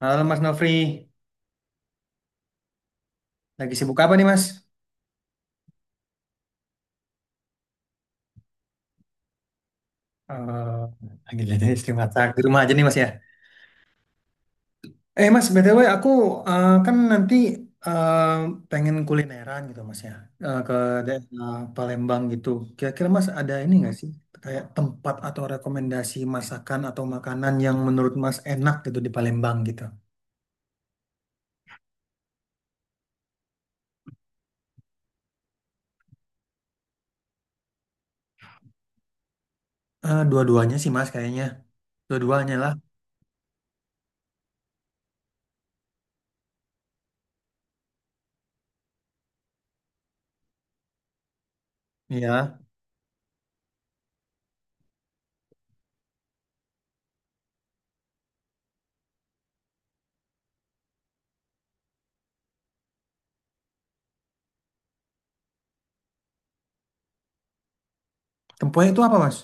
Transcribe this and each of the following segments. Halo Mas Nofri, lagi sibuk apa nih Mas? Eh, lagi jadi istri masak di rumah aja nih Mas ya. Eh Mas, BTW aku kan nanti eh, pengen kulineran gitu Mas ya, ke daerah Palembang gitu. Kira-kira Mas ada ini nggak sih, kayak tempat atau rekomendasi masakan atau makanan yang menurut Mas enak gitu di Palembang gitu? Dua-duanya sih Mas kayaknya, dua-duanya lah. Iya. Tempoyak itu apa Mas?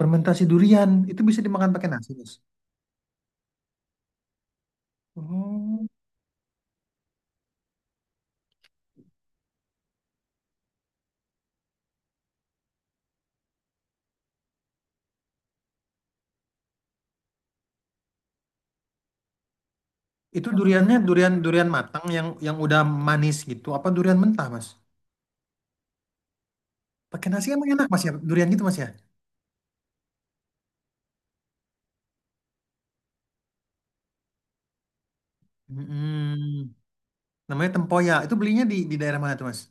Fermentasi durian, itu bisa dimakan pakai nasi Mas. Oh. Itu duriannya durian durian matang yang udah manis gitu. Apa durian mentah, Mas? Pakai nasi emang enak, Mas ya? Durian gitu, Mas ya? Mm-mm. Namanya tempoyak. Itu belinya di daerah mana tuh, Mas?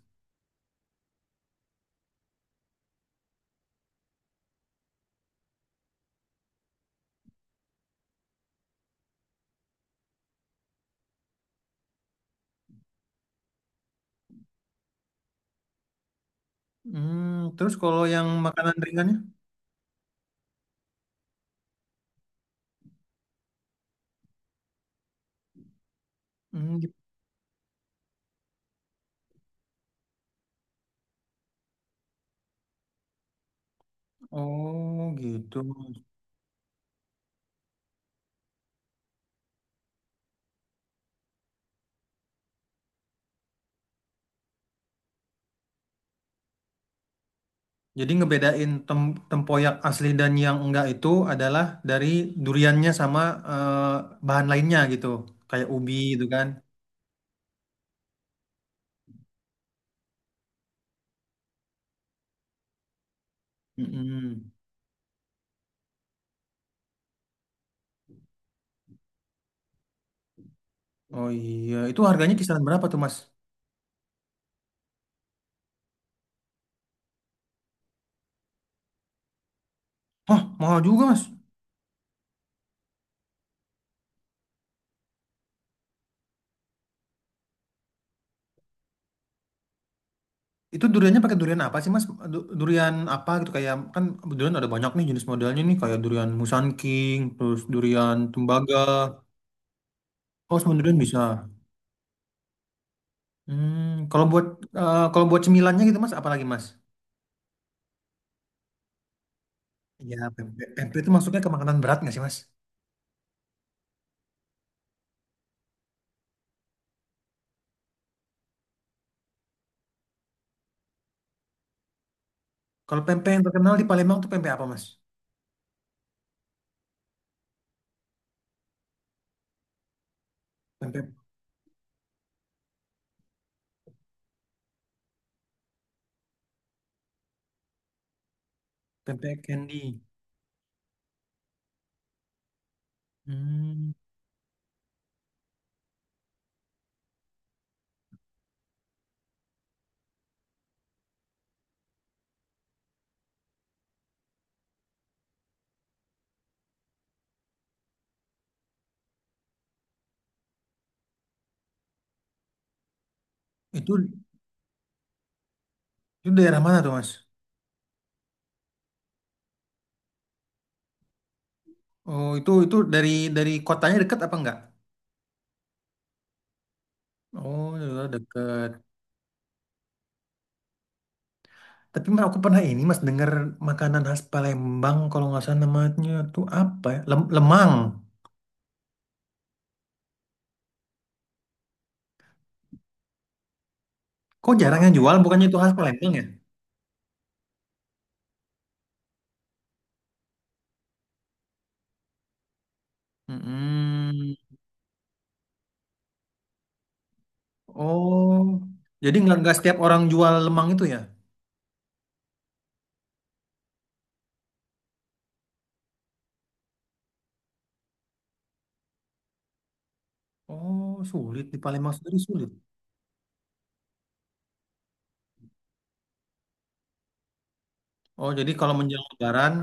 Hmm, terus kalau yang makanan ringannya? Hmm, gitu. Oh, gitu. Jadi ngebedain tem tempoyak asli dan yang enggak itu adalah dari duriannya sama bahan lainnya gitu. Kayak ubi gitu kan. Mm-mm. Oh iya, itu harganya kisaran berapa tuh, Mas? Hah, mahal juga, Mas. Itu duriannya pakai durian apa sih Mas? Durian apa gitu kayak kan durian ada banyak nih jenis modelnya nih kayak durian Musan King, terus durian tembaga. Oh, semua durian bisa. Hmm, kalau buat kalau buat cemilannya gitu Mas, apa lagi Mas? Ya, pempek. Pempek itu masuknya ke makanan berat nggak sih Mas? Kalau pempek yang terkenal di Palembang tuh pempek apa Mas? Pempek pempek candy. Hmm, itu itu daerah mana tuh Mas? Oh, itu dari kotanya dekat apa enggak? Oh, daerah dekat. Tapi Mas, aku pernah ini Mas dengar makanan khas Palembang kalau nggak salah namanya tuh apa ya? Lemang. Kok jarang yang jual? Bukannya itu khas Palembang ya? Mm-mm. Oh, jadi nggak setiap orang jual lemang itu ya? Oh, sulit di Palembang sendiri sulit. Oh, jadi kalau menjelang Lebaran,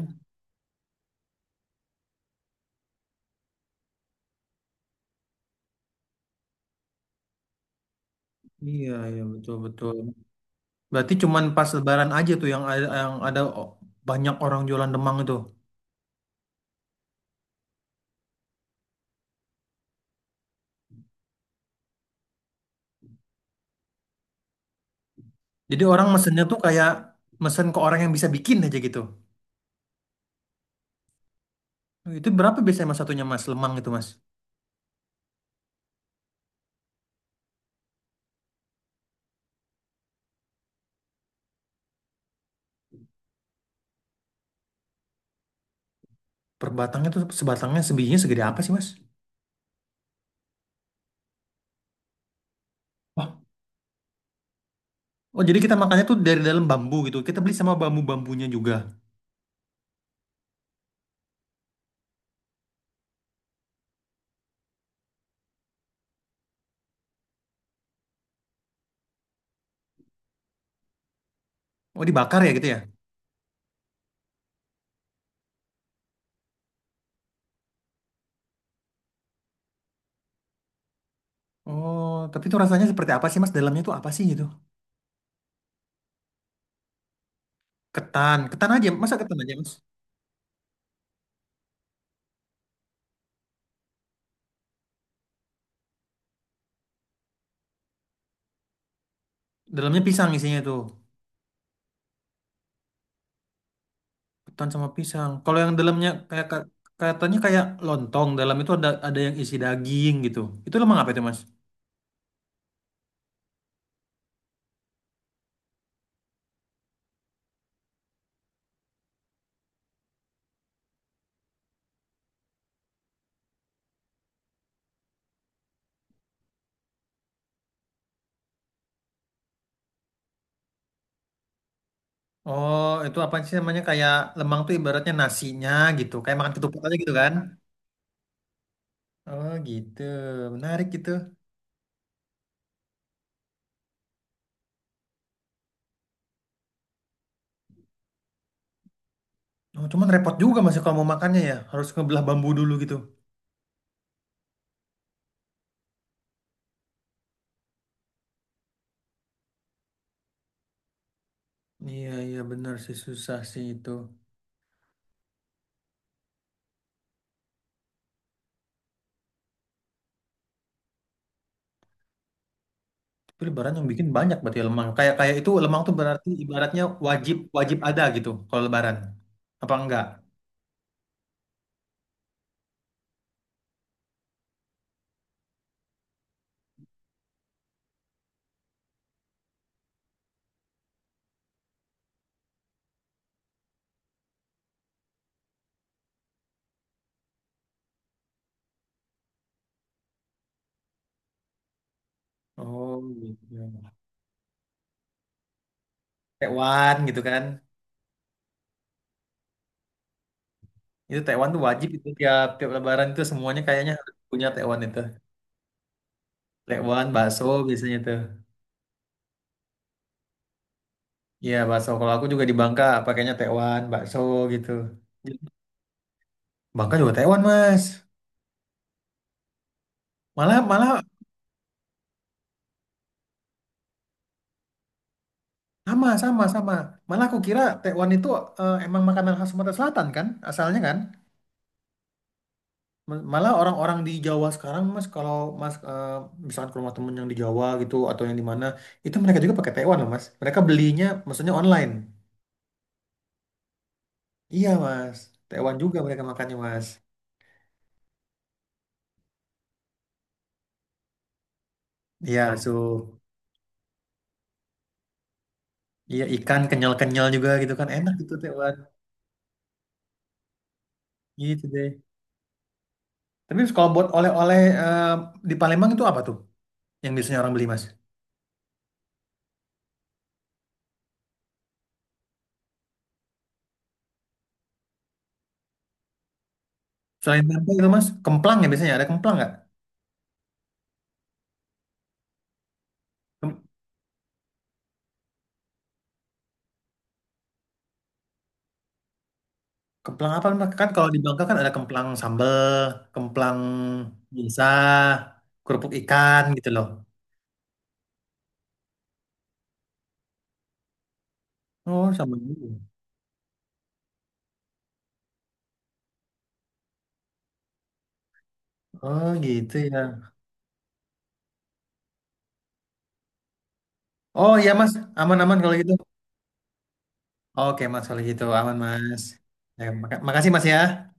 iya iya betul betul. Berarti cuman pas Lebaran aja tuh yang ada banyak orang jualan lemang itu. Jadi orang mesennya tuh kayak mesen ke orang yang bisa bikin aja gitu. Oh, itu berapa biasanya mas satunya mas lemang itu mas? Per batangnya tuh sebatangnya sebijinya segede apa sih mas? Wah, oh jadi kita makannya tuh dari dalam bambu gitu. Kita beli sama bambu-bambunya juga. Oh dibakar ya gitu ya? Oh, tapi itu rasanya seperti apa sih mas? Dalamnya tuh apa sih gitu? Ketan, ketan aja. Masa ketan aja mas? Dalamnya pisang isinya tuh. Ketan sama pisang. Kalau yang dalamnya kayak katanya kayak lontong. Dalam itu ada yang isi daging gitu. Itu lemang apa itu mas? Oh, itu apa sih namanya kayak lemang tuh ibaratnya nasinya gitu. Kayak makan ketupat aja gitu kan? Oh gitu, menarik gitu. Oh, cuman repot juga masih kalau mau makannya ya, harus ngebelah bambu dulu gitu. Iya iya benar sih susah sih itu. Tapi lebaran yang bikin banyak berarti ya lemang. Kayak kayak itu lemang tuh berarti ibaratnya wajib wajib ada gitu kalau lebaran. Apa enggak? Oh gitu. Tekwan gitu kan. Itu tekwan tuh wajib itu tiap tiap lebaran itu semuanya kayaknya harus punya tekwan itu. Tekwan, bakso biasanya tuh. Iya bakso. Kalau aku juga di Bangka pakainya tekwan, bakso gitu. Bangka juga tekwan mas. Malah malah sama sama sama. Malah aku kira tekwan itu emang makanan khas Sumatera Selatan kan asalnya kan. Malah orang-orang di Jawa sekarang Mas kalau Mas eh, misalkan ke rumah temen yang di Jawa gitu atau yang di mana itu mereka juga pakai tekwan loh Mas. Mereka belinya maksudnya online. Iya Mas. Tekwan juga mereka makannya Mas. Iya, iya ikan kenyal-kenyal juga gitu kan enak gitu tekwan. Gitu deh. Tapi kalau buat oleh-oleh di Palembang itu apa tuh yang biasanya orang beli Mas? Selain tempe itu mas, kemplang ya biasanya ada kemplang nggak? Kem- Kemplang apa mas? Kan kalau di Bangka kan ada kemplang sambel, kemplang biasa, kerupuk ikan gitu loh. Oh sama gitu. Oh gitu ya. Oh iya mas, aman-aman kalau gitu. Oke mas kalau gitu aman mas. Ya, makasih mas ya.